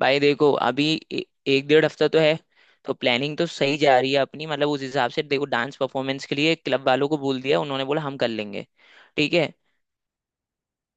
भाई देखो अभी एक डेढ़ हफ्ता तो है। तो प्लानिंग तो सही जा रही है अपनी, मतलब उस हिसाब से देखो। डांस परफॉर्मेंस के लिए क्लब वालों को बोल दिया, उन्होंने बोला हम कर लेंगे। ठीक है।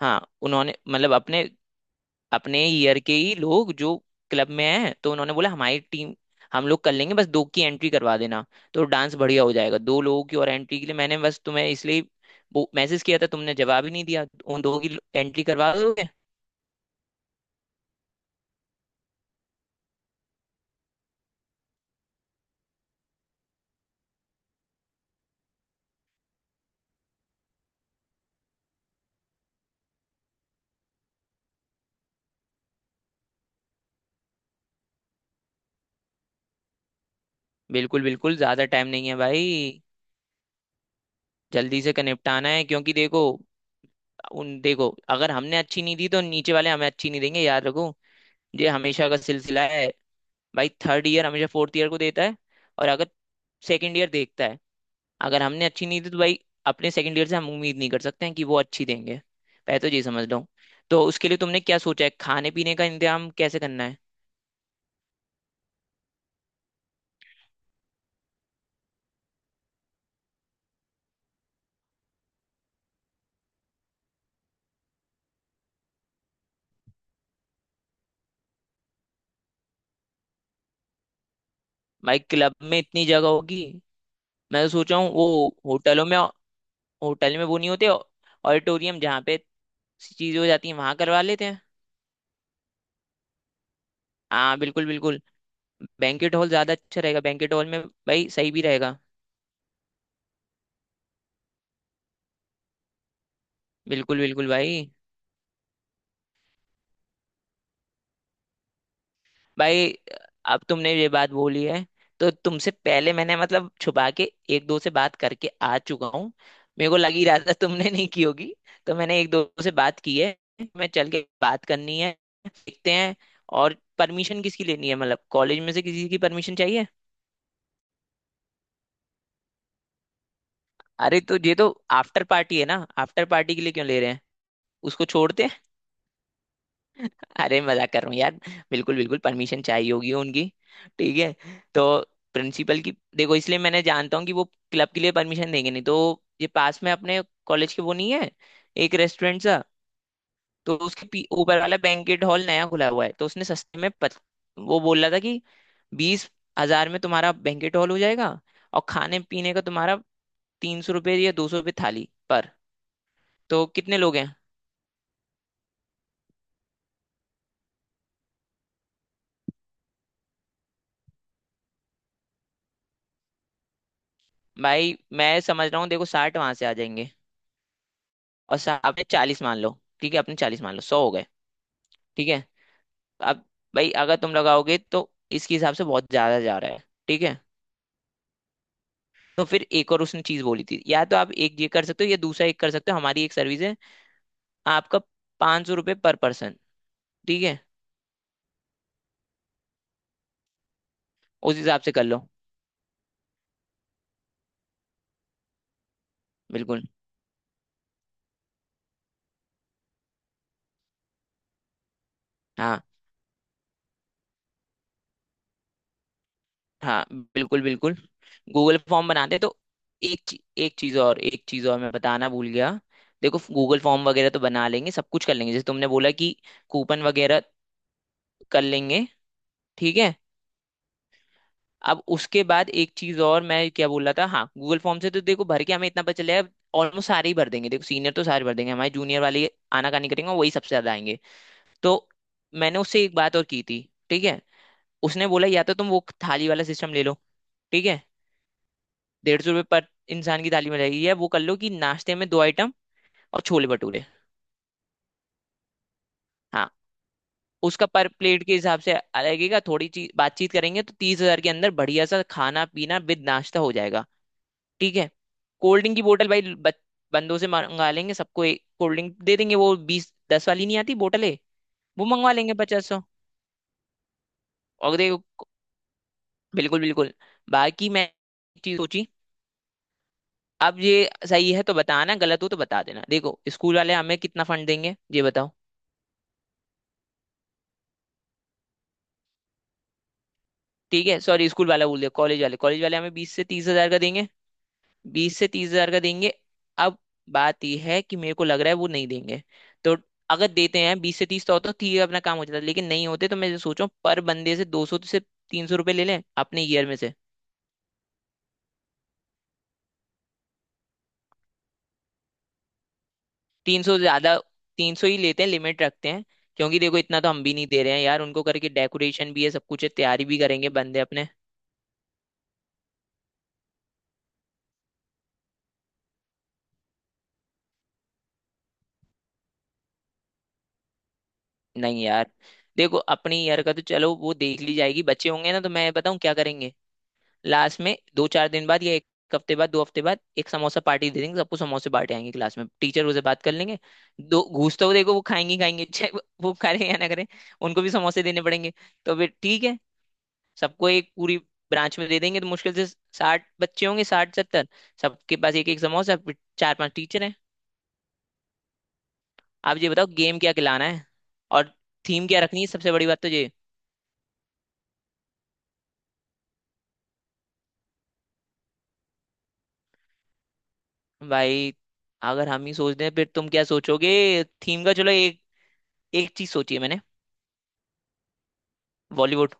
हाँ, उन्होंने मतलब अपने अपने ईयर के ही लोग जो क्लब में हैं, तो उन्होंने बोला हमारी टीम, हम लोग कर लेंगे, बस दो की एंट्री करवा देना। तो डांस बढ़िया हो जाएगा। दो लोगों की और एंट्री के लिए मैंने बस तुम्हें इसलिए वो मैसेज किया था, तुमने जवाब ही नहीं दिया। उन दो की एंट्री करवा दोगे। बिल्कुल बिल्कुल, ज्यादा टाइम नहीं है भाई। जल्दी से निपटाना है क्योंकि देखो, उन देखो, अगर हमने अच्छी नहीं दी तो नीचे वाले हमें अच्छी नहीं देंगे, याद रखो। ये हमेशा का सिलसिला है। भाई थर्ड ईयर हमेशा फोर्थ ईयर को देता है, और अगर सेकंड ईयर देखता है, अगर हमने अच्छी नहीं दी तो भाई अपने सेकंड ईयर से हम उम्मीद नहीं कर सकते हैं कि वो अच्छी देंगे। पहले तो ये समझ लो। तो उसके लिए तुमने क्या सोचा है, खाने पीने का इंतजाम कैसे करना है। भाई क्लब में इतनी जगह होगी? मैं तो सोचा हूँ वो होटलों में, होटल में वो नहीं होते ऑडिटोरियम जहाँ पे चीजें हो जाती हैं, वहां करवा लेते हैं। हाँ बिल्कुल बिल्कुल, बैंकेट हॉल ज्यादा अच्छा रहेगा, बैंकेट हॉल में भाई सही भी रहेगा। बिल्कुल बिल्कुल भाई। भाई अब तुमने ये बात बोली है, तो तुमसे पहले मैंने मतलब छुपा के एक दो से बात करके आ चुका हूँ। मेरे को लग ही रहा था तुमने नहीं की होगी। तो मैंने एक दो से बात की है, मैं चल के बात करनी है, देखते हैं। और परमिशन किसकी लेनी है, मतलब कॉलेज में से किसी की परमिशन चाहिए? अरे तो ये तो आफ्टर पार्टी है ना, आफ्टर पार्टी के लिए क्यों ले रहे हैं। उसको छोड़ते, अरे मजाक कर रहा हूँ यार। बिल्कुल बिल्कुल परमिशन चाहिए होगी उनकी। ठीक है। तो प्रिंसिपल की देखो, इसलिए मैंने जानता हूँ कि वो क्लब के लिए परमिशन देंगे नहीं। तो ये पास में अपने कॉलेज के वो नहीं है, एक रेस्टोरेंट सा। तो उसके ऊपर वाला बैंकेट हॉल नया खुला हुआ है, तो उसने सस्ते में वो बोल रहा था कि 20,000 में तुम्हारा बैंकेट हॉल हो जाएगा। और खाने पीने का तुम्हारा 300 रुपये या 200 रुपये थाली पर। तो कितने लोग हैं? भाई मैं समझ रहा हूँ, देखो 60 वहां से आ जाएंगे, और आपने 40 मान लो, ठीक है आपने 40 मान लो, 100 हो गए। ठीक है। अब भाई अगर तुम लगाओगे तो इसके हिसाब से बहुत ज्यादा जा रहा है। ठीक है। तो फिर एक और उसने चीज बोली थी, या तो आप एक ये कर सकते हो या दूसरा एक कर सकते हो, हमारी एक सर्विस है, आपका 500 रुपये पर पर्सन। ठीक है, उस हिसाब से कर लो। बिल्कुल। हाँ हाँ बिल्कुल बिल्कुल, गूगल फॉर्म बनाते तो एक चीज और, एक चीज और मैं बताना भूल गया। देखो गूगल फॉर्म वगैरह तो बना लेंगे, सब कुछ कर लेंगे, जैसे तुमने बोला कि कूपन वगैरह कर लेंगे। ठीक है। अब उसके बाद एक चीज और, मैं क्या बोल रहा था, हाँ गूगल फॉर्म से तो देखो भर के हमें इतना पता चलेगा। ऑलमोस्ट सारे ही भर देंगे, देखो सीनियर तो सारे भर देंगे, हमारे जूनियर वाले आनाकानी करेंगे और वही सबसे ज्यादा आएंगे। तो मैंने उससे एक बात और की थी। ठीक है। उसने बोला या तो तुम वो थाली वाला सिस्टम ले लो, ठीक है, 150 रुपये पर इंसान की थाली में रहेगी, या वो कर लो कि नाश्ते में दो आइटम और छोले भटूरे। हाँ। उसका पर प्लेट के हिसाब से लगेगा, थोड़ी चीज बातचीत करेंगे तो 30,000 के अंदर बढ़िया सा खाना पीना विद नाश्ता हो जाएगा। ठीक है। कोल्ड ड्रिंक की बोतल भाई, बंदों से मंगा लेंगे, सबको एक कोल्ड ड्रिंक दे देंगे, वो बीस दस वाली नहीं आती बोतल है, वो मंगवा लेंगे पचास सौ। और देखो, बिल्कुल बिल्कुल, बाकी मैं एक चीज सोची। अब ये सही है तो बताना, गलत हो तो बता देना। देखो स्कूल वाले हमें कितना फंड देंगे ये बताओ। ठीक है सॉरी, स्कूल वाला बोल दिया, कॉलेज वाले, कॉलेज वाले हमें 20,000 से 30,000 का देंगे, 20,000 से 30,000 का देंगे। अब बात यह है कि मेरे को लग रहा है वो नहीं देंगे। तो अगर देते हैं 20,000 से 30,000 तो होता ठीक है, अपना काम हो जाता, लेकिन नहीं होते तो मैं सोचो पर बंदे से 200 से 300 रुपये ले लें अपने ईयर में से। 300 ज्यादा, तीन सौ ही लेते हैं, लिमिट रखते हैं। क्योंकि देखो इतना तो हम भी नहीं दे रहे हैं यार उनको करके, डेकोरेशन भी है, सब कुछ है, तैयारी भी करेंगे बंदे अपने। नहीं यार, देखो अपने ईयर का तो चलो वो देख ली जाएगी, बच्चे होंगे ना तो मैं बताऊं क्या करेंगे। लास्ट में दो चार दिन बाद या एक हफ्ते बाद, दो हफ्ते बाद एक समोसा पार्टी दे देंगे, सबको समोसे बांटे आएंगे क्लास में, टीचर उसे बात कर लेंगे। दो घूसते हुए देखो वो खाएंगे ही खाएंगे, चाहे वो खा रहे हैं या ना करें, उनको भी समोसे देने पड़ेंगे। तो फिर ठीक है, सबको एक पूरी ब्रांच में दे देंगे तो मुश्किल से 60 बच्चे होंगे, 60-70, सबके पास एक एक समोसा, फिर चार पांच टीचर हैं। आप ये बताओ गेम क्या खिलाना है, और थीम क्या रखनी है, सबसे बड़ी बात तो ये। भाई अगर हम ही सोच दें फिर तुम क्या सोचोगे, थीम का चलो एक एक चीज सोची है मैंने। बॉलीवुड।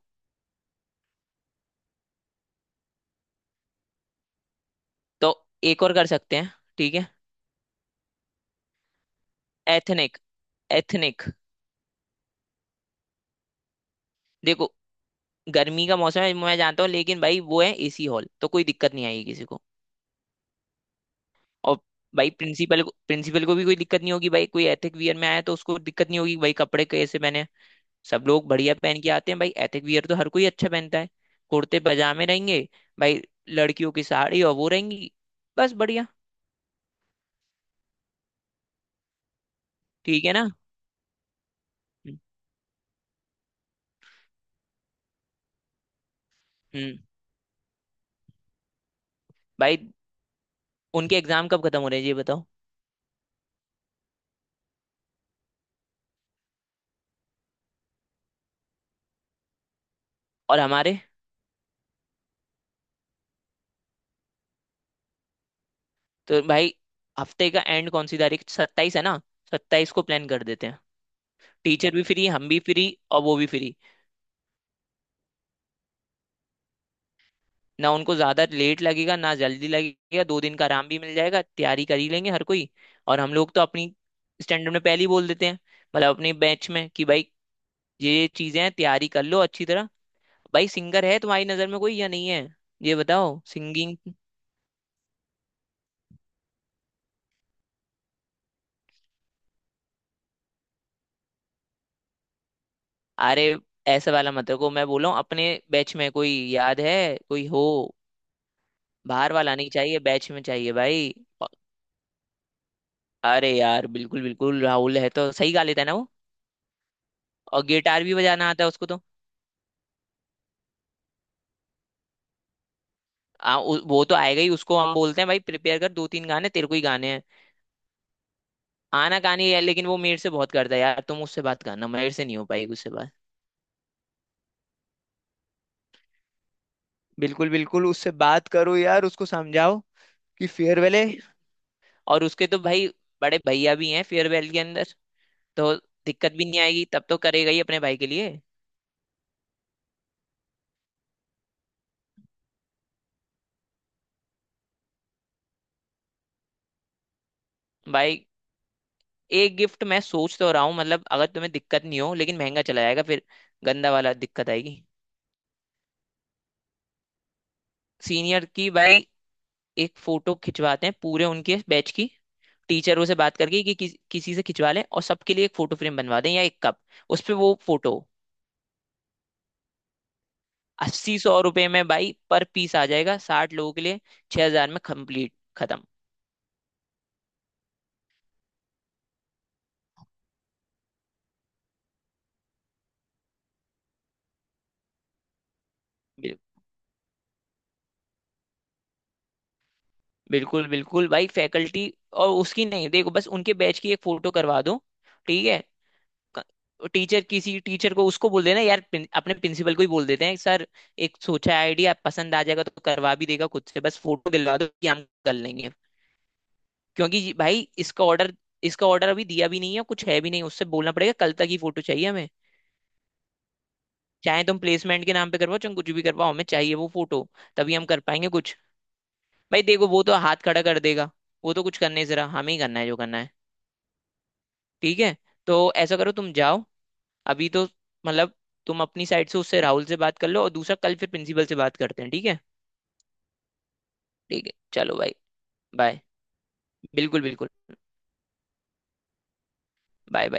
तो एक और कर सकते हैं, ठीक है। Ethnic, ethnic. देखो गर्मी का मौसम है मैं जानता हूँ, लेकिन भाई वो है एसी हॉल तो कोई दिक्कत नहीं आएगी किसी को। और भाई प्रिंसिपल को भी कोई दिक्कत नहीं होगी, भाई कोई एथिक वियर में आया तो उसको दिक्कत नहीं होगी, भाई कपड़े कैसे पहने हैं। सब लोग बढ़िया पहन के आते हैं, भाई एथिक वियर तो हर कोई अच्छा पहनता है। कुर्ते पजामे रहेंगे भाई। लड़कियों की साड़ी और वो रहेंगी, बस बढ़िया। ठीक है ना। हम्म। हम्म। भाई उनके एग्जाम कब खत्म हो रहे हैं ये बताओ। और हमारे तो भाई हफ्ते का एंड कौन सी तारीख, 27 है ना, 27 को प्लान कर देते हैं। टीचर भी फ्री, हम भी फ्री, और वो भी फ्री। ना उनको ज्यादा लेट लगेगा ना जल्दी लगेगा, दो दिन का आराम भी मिल जाएगा, तैयारी कर ही लेंगे हर कोई। और हम लोग तो अपनी स्टैंडर्ड में पहले ही बोल देते हैं, मतलब अपने बैच में कि भाई ये चीजें हैं, तैयारी कर लो अच्छी तरह। भाई सिंगर है तुम्हारी नजर में कोई या नहीं है, ये बताओ, सिंगिंग। अरे ऐसा वाला मत रखो, मैं बोला हूँ अपने बैच में कोई याद है, कोई हो, बाहर वाला नहीं चाहिए, बैच में चाहिए भाई। अ- अरे यार बिल्कुल बिल्कुल, राहुल है तो सही गा लेता है ना वो, और गिटार भी बजाना आता है उसको तो। वो तो आएगा ही, उसको हम बोलते हैं भाई प्रिपेयर कर दो, तीन गाने तेरे को ही गाने हैं। आना गाने है, लेकिन वो मेरे से बहुत करता है यार, तुम उससे बात करना, मेरे से नहीं हो पाएगी उससे बात। बिल्कुल बिल्कुल, उससे बात करो यार, उसको समझाओ कि फेयरवेल है। और उसके तो भाई बड़े भैया भी हैं फेयरवेल के अंदर, तो दिक्कत भी नहीं आएगी, तब तो करेगा ही अपने भाई के लिए। भाई एक गिफ्ट मैं सोच तो रहा हूँ, मतलब अगर तुम्हें दिक्कत नहीं हो, लेकिन महंगा चला जाएगा फिर, गंदा वाला दिक्कत आएगी। सीनियर की भाई एक फोटो खिंचवाते हैं पूरे उनके बैच की, टीचरों से बात करके कि किसी से खिंचवा लें, और सबके लिए एक फोटो फ्रेम बनवा दें या एक कप। उस पे वो फोटो अस्सी सौ रुपये में भाई पर पीस आ जाएगा, 60 लोगों के लिए 6,000 में कंप्लीट खत्म। बिल- बिल्कुल बिल्कुल भाई फैकल्टी और उसकी नहीं, देखो बस उनके बैच की एक फोटो करवा दो। ठीक है। टीचर, किसी टीचर को उसको बोल देना यार, अपने प्रिंसिपल को ही बोल देते हैं, सर एक सोचा है, आइडिया पसंद आ जाएगा तो करवा भी देगा खुद से, बस फोटो दिलवा दो कि हम कर लेंगे। क्योंकि भाई इसका ऑर्डर, इसका ऑर्डर अभी दिया भी नहीं है कुछ है भी नहीं, उससे बोलना पड़ेगा कल तक ही फोटो चाहिए हमें। चाहे तुम प्लेसमेंट के नाम पे करवाओ चाहे कुछ भी करवाओ, हमें चाहिए वो फोटो, तभी हम कर पाएंगे कुछ। भाई देखो वो तो हाथ खड़ा कर देगा, वो तो कुछ करने जरा, हमें ही करना है जो करना है। ठीक है। तो ऐसा करो तुम जाओ, अभी तो मतलब तुम अपनी साइड से उससे, राहुल से बात कर लो, और दूसरा कल फिर प्रिंसिपल से बात करते हैं, ठीक है। ठीक है चलो भाई, बाय, बिल्कुल बिल्कुल, बाय बाय।